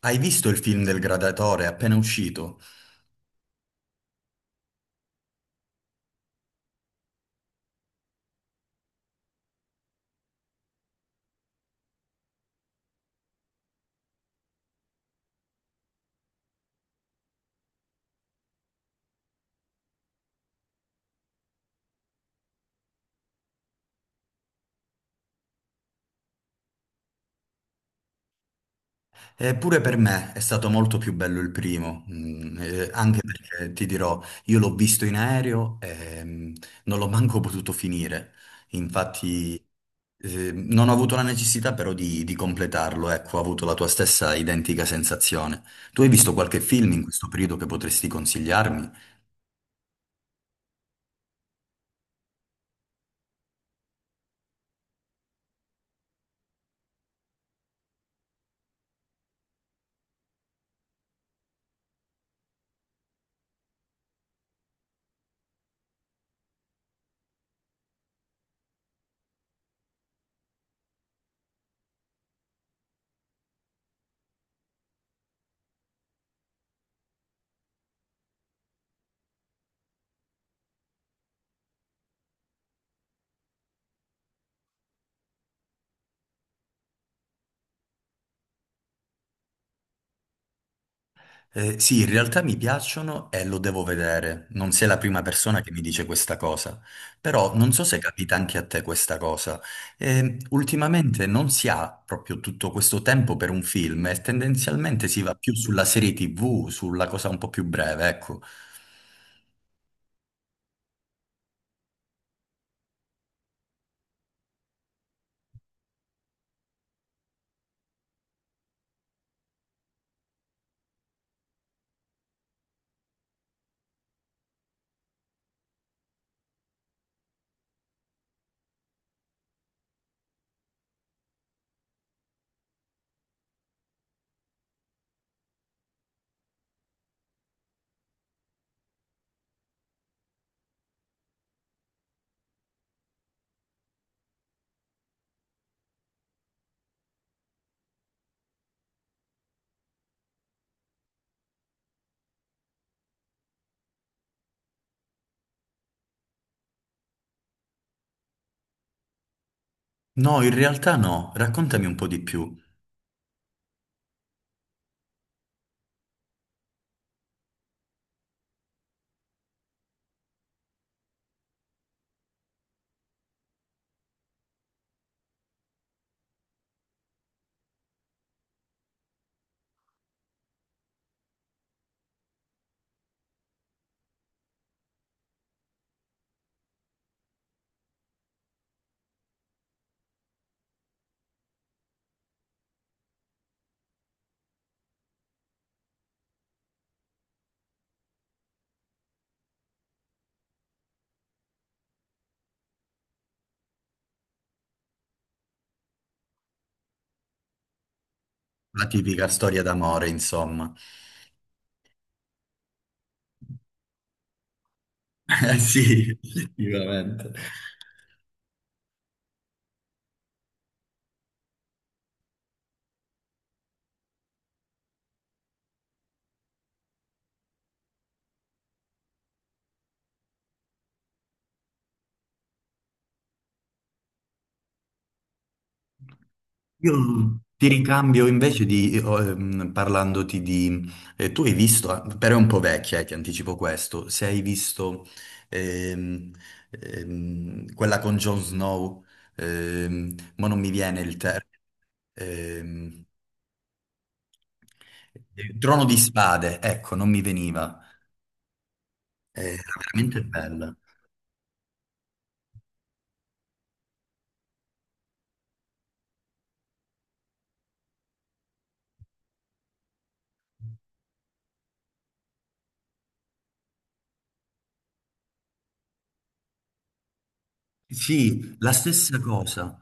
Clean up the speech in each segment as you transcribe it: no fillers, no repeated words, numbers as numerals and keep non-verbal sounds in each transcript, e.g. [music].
Hai visto il film del Gladiatore appena uscito? Eppure per me è stato molto più bello il primo, mm, anche perché ti dirò, io l'ho visto in aereo e non l'ho manco potuto finire. Infatti, non ho avuto la necessità però di completarlo, ecco, ho avuto la tua stessa identica sensazione. Tu hai visto qualche film in questo periodo che potresti consigliarmi? Sì, in realtà mi piacciono e lo devo vedere. Non sei la prima persona che mi dice questa cosa, però non so se capita anche a te questa cosa. Ultimamente non si ha proprio tutto questo tempo per un film e tendenzialmente si va più sulla serie TV, sulla cosa un po' più breve, ecco. No, in realtà no. Raccontami un po' di più. La tipica storia d'amore, insomma. [laughs] Eh sì, effettivamente. Io ti ricambio invece di, parlandoti di... tu hai visto, ah, però è un po' vecchia, ti anticipo questo, se hai visto ehm, quella con Jon Snow, ma non mi viene il termine, ehm, Trono di Spade, ecco, non mi veniva, era veramente bella. Sì, la stessa cosa.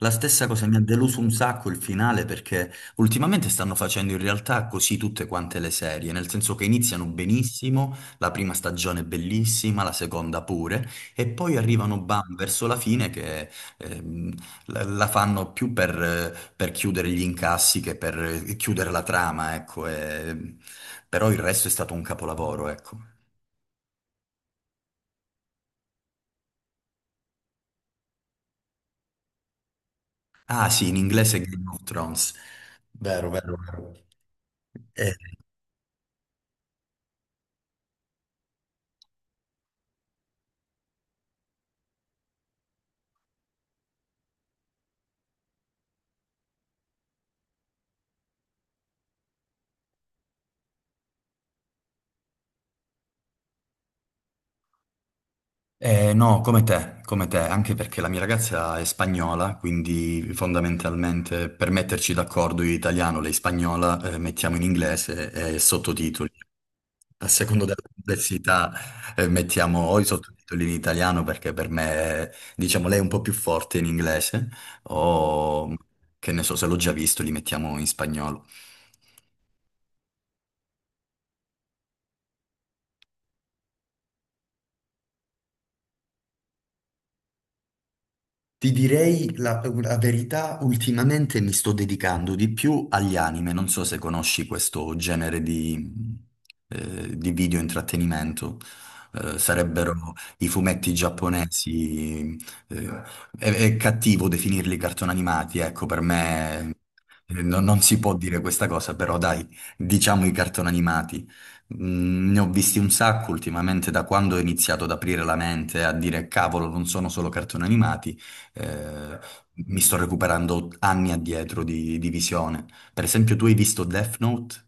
La stessa cosa mi ha deluso un sacco il finale perché ultimamente stanno facendo in realtà così tutte quante le serie, nel senso che iniziano benissimo, la prima stagione è bellissima, la seconda pure, e poi arrivano bam verso la fine che ehm, la, la fanno più per chiudere gli incassi che per chiudere la trama, ecco. e- Però il resto è stato un capolavoro, ecco. Ah sì, in inglese Game of Thrones. Vero, vero, vero. Eh, no, come te, anche perché la mia ragazza è spagnola, quindi fondamentalmente per metterci d'accordo io italiano, lei spagnola, mettiamo in inglese e sottotitoli. A secondo della complessità, mettiamo o i sottotitoli in italiano perché per me, diciamo, lei è un po' più forte in inglese, o che ne so, se l'ho già visto, li mettiamo in spagnolo. Ti direi la, la verità, ultimamente mi sto dedicando di più agli anime, non so se conosci questo genere di video intrattenimento. Sarebbero i fumetti giapponesi, eh, è cattivo definirli cartoni animati, ecco, per me non non si può dire questa cosa, però dai, diciamo i cartoni animati. Ne ho visti un sacco ultimamente da quando ho iniziato ad aprire la mente, a dire cavolo, non sono solo cartoni animati eh, mi sto recuperando anni addietro di visione. Per esempio, tu hai visto Death Note?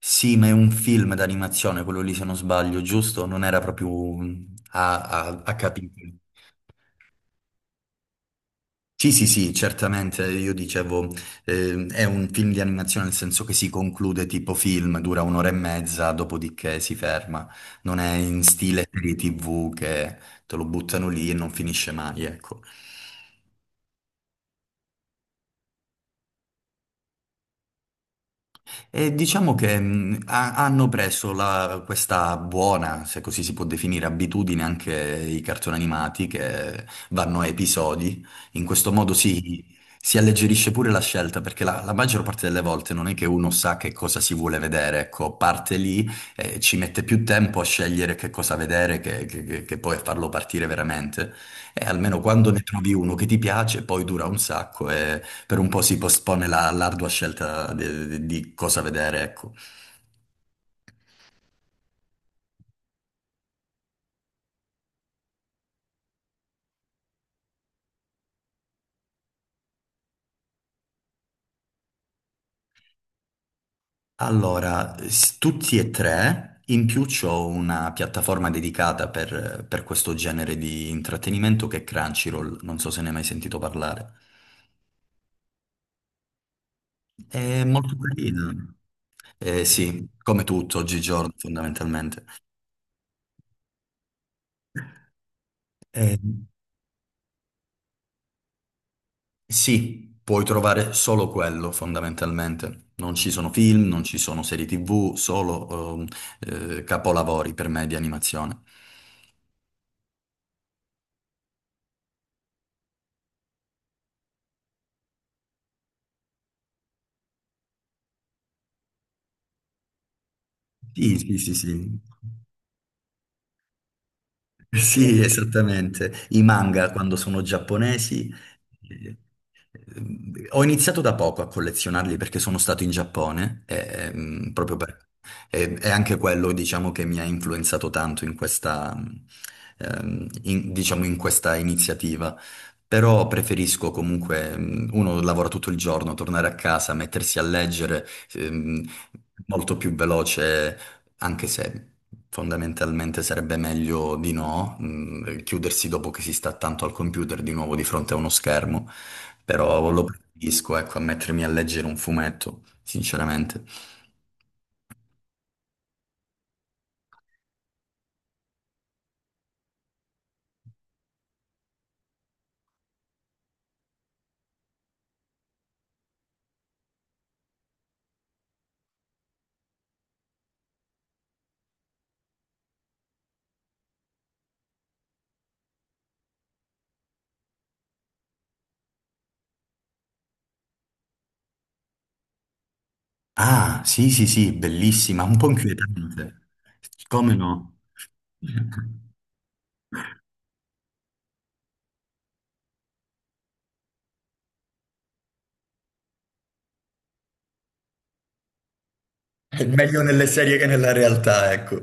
Sì, ma è un film d'animazione, quello lì se non sbaglio, giusto? Non era proprio un- a, a, a capitoli. Sì, sì, sì, certamente, io dicevo, è un film di animazione nel senso che si conclude tipo film, dura un'ora e mezza, dopodiché si ferma. Non è in stile serie TV che te lo buttano lì e non finisce mai, ecco. E diciamo che ha- hanno preso la- questa buona, se così si può definire, abitudine anche i cartoni animati che vanno a episodi. In questo modo si, si alleggerisce pure la scelta, perché la, la maggior parte delle volte non è che uno sa che cosa si vuole vedere, ecco, parte lì e ci mette più tempo a scegliere che cosa vedere che poi a farlo partire veramente. E almeno quando ne trovi uno che ti piace, poi dura un sacco per un po' si postpone la- l'ardua scelta de- de- di cosa vedere, ecco. Allora, s- tutti e tre, in più c'ho una piattaforma dedicata per questo genere di intrattenimento che è Crunchyroll, non so se ne hai mai sentito parlare. È molto carina. Sì, come tutto oggigiorno fondamentalmente. Eh, Sì, puoi trovare solo quello fondamentalmente. Non ci sono film, non ci sono serie TV, solo capolavori per me di animazione. Sì, sì, sì, sì. Sì, esattamente. I manga quando sono giapponesi. eh, Ho iniziato da poco a collezionarli perché sono stato in Giappone, proprio per... e è anche quello, diciamo, che mi ha influenzato tanto in questa, diciamo, in questa iniziativa. Però preferisco comunque, mm, uno lavora tutto il giorno, tornare a casa, mettersi a leggere, ehm, molto più veloce anche se fondamentalmente sarebbe meglio di no, chiudersi dopo che si sta tanto al computer di nuovo di fronte a uno schermo, però lo preferisco, ecco, a mettermi a leggere un fumetto, sinceramente. Ah, sì, sì, sì, bellissima, un po' inquietante. Come no? [laughs] È meglio nelle serie che nella realtà, ecco.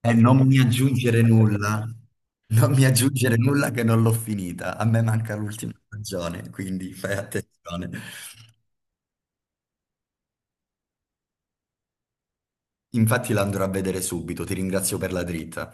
E non mi aggiungere nulla, non mi aggiungere nulla che non l'ho finita. A me manca l'ultima stagione, quindi fai attenzione. Infatti la andrò a vedere subito, ti ringrazio per la dritta.